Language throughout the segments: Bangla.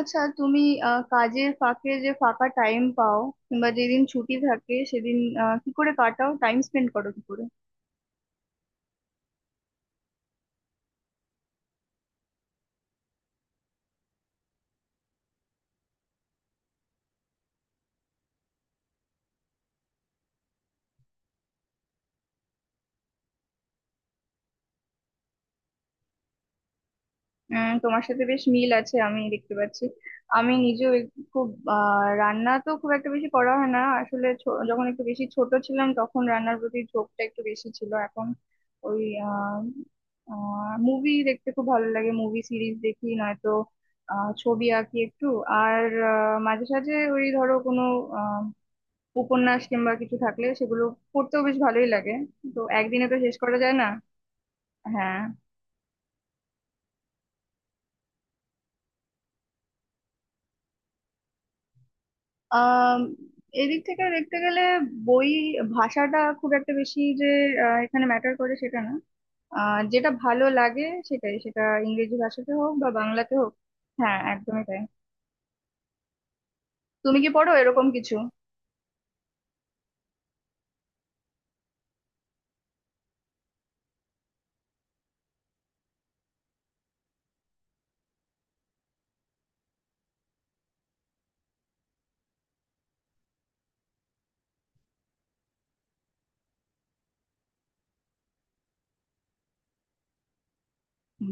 আচ্ছা তুমি কাজের ফাঁকে যে ফাঁকা টাইম পাও, কিংবা যেদিন ছুটি থাকে সেদিন কি করে কাটাও, টাইম স্পেন্ড করো কি করে? তোমার সাথে বেশ মিল আছে আমি দেখতে পাচ্ছি। আমি নিজেও খুব রান্না তো খুব একটা বেশি করা হয় না আসলে, যখন একটু বেশি ছোট ছিলাম তখন রান্নার প্রতি ঝোঁকটা একটু বেশি ছিল। এখন ওই মুভি দেখতে খুব ভালো লাগে, মুভি সিরিজ দেখি নয়তো। ছবি আঁকি একটু। আর মাঝে সাঝে ওই ধরো কোনো উপন্যাস কিংবা কিছু থাকলে সেগুলো পড়তেও বেশ ভালোই লাগে। তো একদিনে তো শেষ করা যায় না। হ্যাঁ। আম, এদিক থেকে দেখতে গেলে বই ভাষাটা খুব একটা বেশি যে এখানে ম্যাটার করে সেটা না। যেটা ভালো লাগে সেটাই সেটা, ইংরেজি ভাষাতে হোক বা বাংলাতে হোক। হ্যাঁ একদমই তাই। তুমি কি পড়ো এরকম কিছু?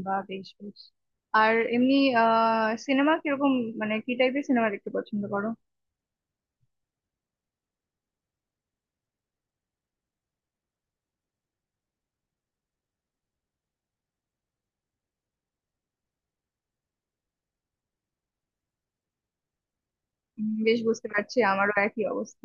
বা বেশ বেশ। আর এমনি আহ সিনেমা কিরকম, মানে কি টাইপের সিনেমা দেখতে পছন্দ করো? বেশ বুঝতে পারছি, আমারও একই অবস্থা।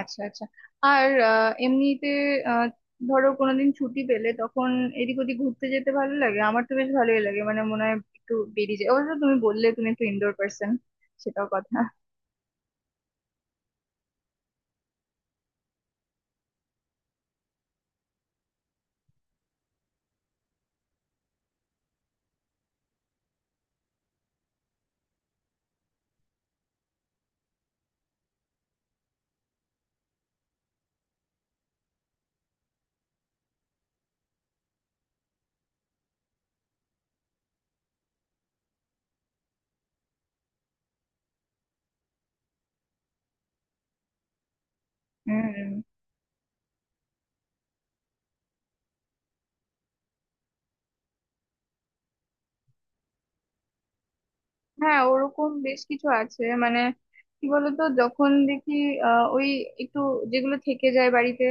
আচ্ছা আচ্ছা। আর এমনিতে আহ, ধরো কোনোদিন ছুটি পেলে তখন এদিক ওদিক ঘুরতে যেতে ভালো লাগে আমার, তো বেশ ভালোই লাগে, মানে মনে হয় একটু বেরিয়ে যায়। অবশ্য তুমি বললে তুমি একটু ইনডোর পার্সন, সেটাও কথা। হুম। হ্যাঁ ওরকম বেশ কিছু আছে, মানে কি বলতো যখন দেখি আহ ওই একটু যেগুলো থেকে যায় বাড়িতে,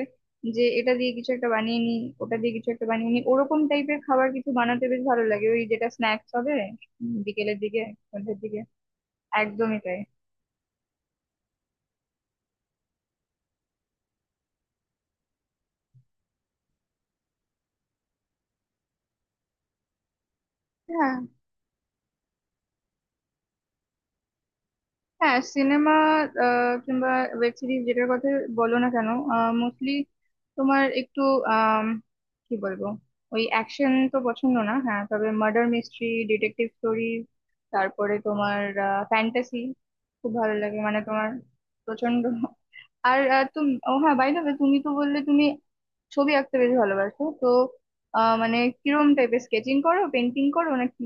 যে এটা দিয়ে কিছু একটা বানিয়ে নি, ওটা দিয়ে কিছু একটা বানিয়ে নি, ওরকম টাইপের খাবার কিছু বানাতে বেশ ভালো লাগে, ওই যেটা স্ন্যাক্স হবে বিকেলের দিকে, সন্ধ্যের দিকে। একদমই তাই। হ্যাঁ। হ্যাঁ সিনেমা কিংবা ওয়েব সিরিজ যেটার কথা বলো না কেন, মোস্টলি তোমার একটু আম, কি বলবো, ওই অ্যাকশন তো পছন্দ না, হ্যাঁ তবে মার্ডার মিস্ট্রি, ডিটেকটিভ স্টোরি, তারপরে তোমার ফ্যান্টাসি খুব ভালো লাগে মানে তোমার প্রচন্ড। আর আহ, তুমি ও হ্যাঁ বাই দ্য ওয়ে, তুমি তো বললে তুমি ছবি আঁকতে বেশ ভালোবাসো তো মানে কিরম টাইপের স্কেচিং করো, পেন্টিং করো নাকি?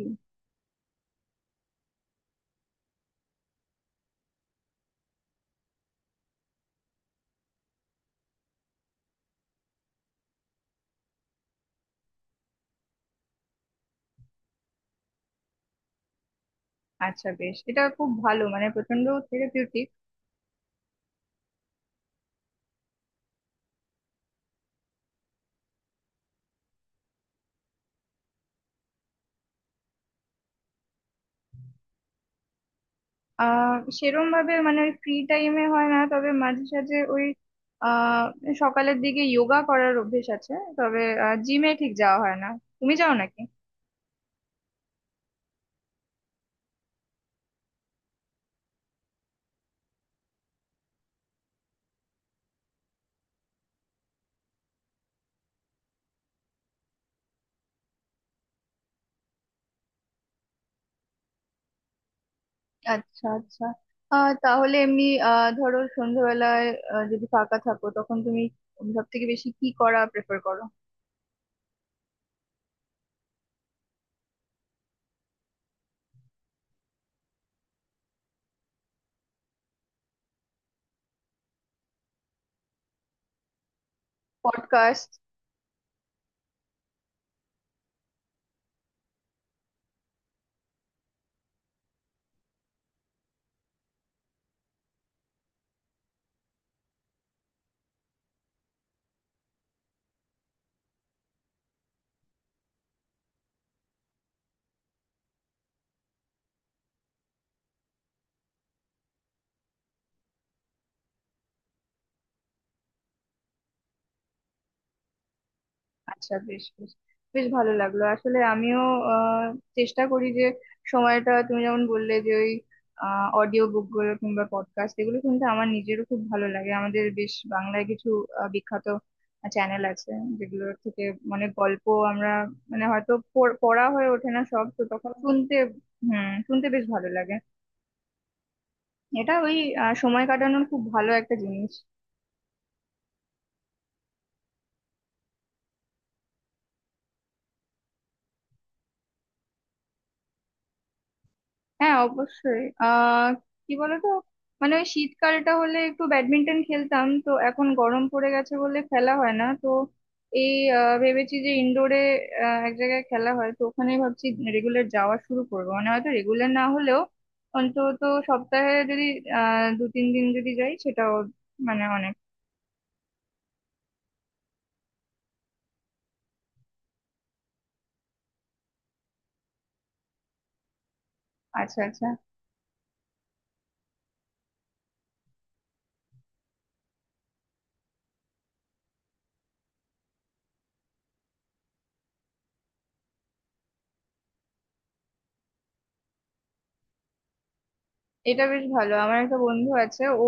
আচ্ছা বেশ, এটা খুব ভালো মানে প্রচন্ড থেরাপিউটিক। আহ সেরম ভাবে মানে ওই ফ্রি টাইমে হয় না, তবে মাঝে সাঝে ওই আহ সকালের দিকে যোগা করার অভ্যেস আছে, তবে জিমে ঠিক যাওয়া হয় না। তুমি যাও নাকি? আচ্ছা আচ্ছা। আহ তাহলে এমনি আহ ধরো সন্ধ্যাবেলায় যদি ফাঁকা থাকো তখন তুমি সব থেকে বেশি কি করা প্রেফার করো? পডকাস্ট। আচ্ছা বেশ বেশ, বেশ ভালো লাগলো আসলে আমিও আহ, চেষ্টা করি যে সময়টা তুমি যেমন বললে যে ওই অডিও বুক গুলো কিংবা পডকাস্ট এগুলো শুনতে আমার নিজেরও খুব ভালো লাগে। আমাদের বেশ বাংলায় কিছু বিখ্যাত চ্যানেল আছে যেগুলোর থেকে মানে গল্প আমরা মানে হয়তো পড়া হয়ে ওঠে না সব, তো তখন শুনতে। হুম শুনতে বেশ ভালো লাগে। এটা ওই সময় কাটানোর খুব ভালো একটা জিনিস। হ্যাঁ অবশ্যই আহ কি বলতো, মানে ওই শীতকালটা হলে একটু ব্যাডমিন্টন খেলতাম তো, এখন গরম পড়ে গেছে বলে খেলা হয় না তো। এই ভেবেছি যে ইনডোরে এক জায়গায় খেলা হয় তো ওখানে ভাবছি রেগুলার যাওয়া শুরু করবো, মানে হয়তো রেগুলার না হলেও অন্তত সপ্তাহে যদি আহ দু তিন দিন যদি যাই সেটাও মানে অনেক। আচ্ছা আচ্ছা। এটা বেশ ভালো, আমার একটা বন্ধু আছে ও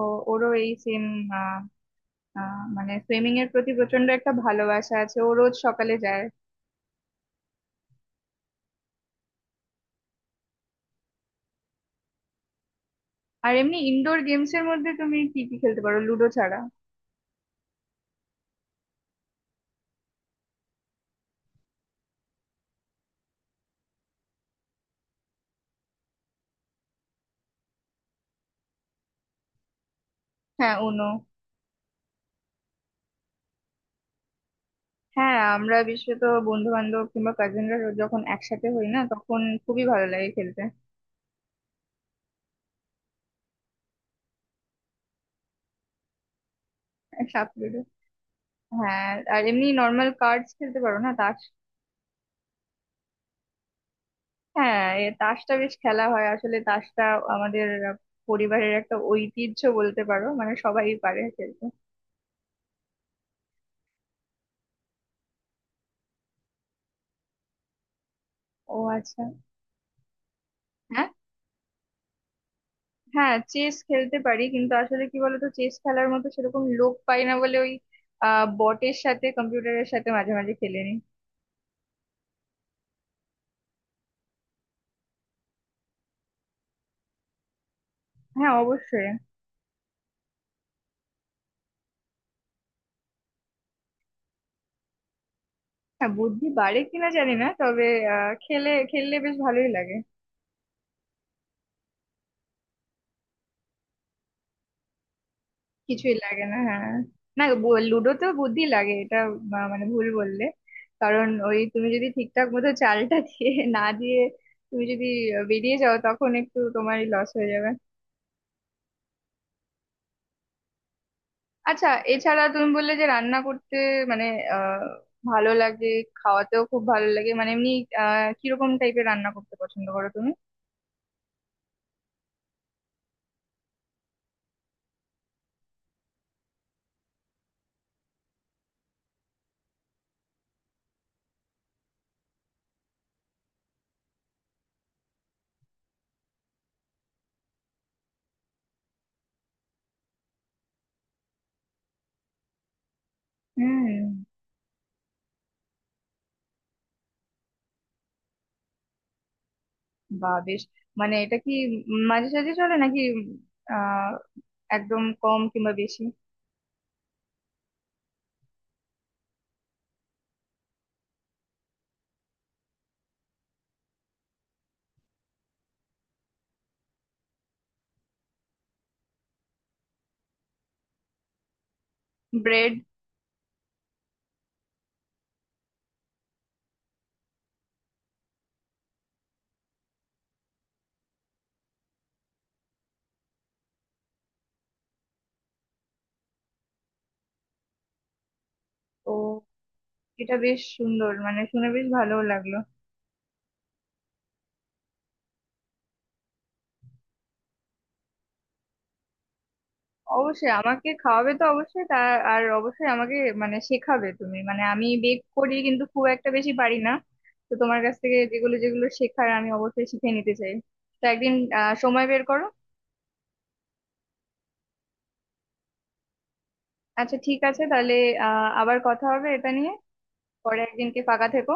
ওরও এই সেম আহ আহ মানে সুইমিং এর প্রতি প্রচন্ড একটা ভালোবাসা আছে, ও রোজ সকালে যায়। আর এমনি ইনডোর গেমস এর মধ্যে তুমি কি কি খেলতে পারো লুডো ছাড়া? হ্যাঁ উনো। হ্যাঁ আমরা বিশেষত বন্ধু বান্ধব কিংবা কাজিনরা যখন একসাথে হই না, তখন খুবই ভালো লাগে খেলতে। সাপ লুডো, হ্যাঁ। আর এমনি নর্মাল কার্ডস খেলতে পারো না, তাস? হ্যাঁ এ তাসটা বেশ খেলা হয় আসলে, তাসটা আমাদের পরিবারের একটা ঐতিহ্য বলতে পারো, মানে সবাই পারে খেলতে। ও আচ্ছা। হ্যাঁ চেস খেলতে পারি, কিন্তু আসলে কি বলতো চেস খেলার মতো সেরকম লোক পাই না বলে ওই আহ বটের সাথে, কম্পিউটারের সাথে মাঝে মাঝে খেলে নি। হ্যাঁ অবশ্যই। হ্যাঁ বুদ্ধি বাড়ে কিনা জানি না, তবে আহ খেললে বেশ ভালোই লাগে। কিছুই লাগে না হ্যাঁ। না, লুডোতেও বুদ্ধি লাগে এটা, মানে ভুল বললে, কারণ ওই তুমি যদি ঠিকঠাক মতো চালটা দিয়ে না দিয়ে তুমি যদি বেরিয়ে যাও তখন একটু তোমারই লস হয়ে যাবে। আচ্ছা। এছাড়া তুমি বললে যে রান্না করতে মানে আহ ভালো লাগে, খাওয়াতেও খুব ভালো লাগে, মানে এমনি আহ কিরকম টাইপের রান্না করতে পছন্দ করো তুমি? হুম। বা বেশ। মানে এটা কি মাঝে সাঝে চলে নাকি আহ একদম কম কিংবা বেশি? ব্রেড। ও এটা বেশ সুন্দর, মানে শুনে বেশ ভালো লাগলো। অবশ্যই আমাকে খাওয়াবে তো, অবশ্যই তার আর অবশ্যই আমাকে মানে শেখাবে তুমি, মানে আমি বেক করি কিন্তু খুব একটা বেশি পারি না। তো তোমার কাছ থেকে যেগুলো যেগুলো শেখার আমি অবশ্যই শিখে নিতে চাই। তো একদিন আহ সময় বের করো। আচ্ছা ঠিক আছে তাহলে আহ আবার কথা হবে এটা নিয়ে, পরে একদিনকে ফাঁকা থেকো।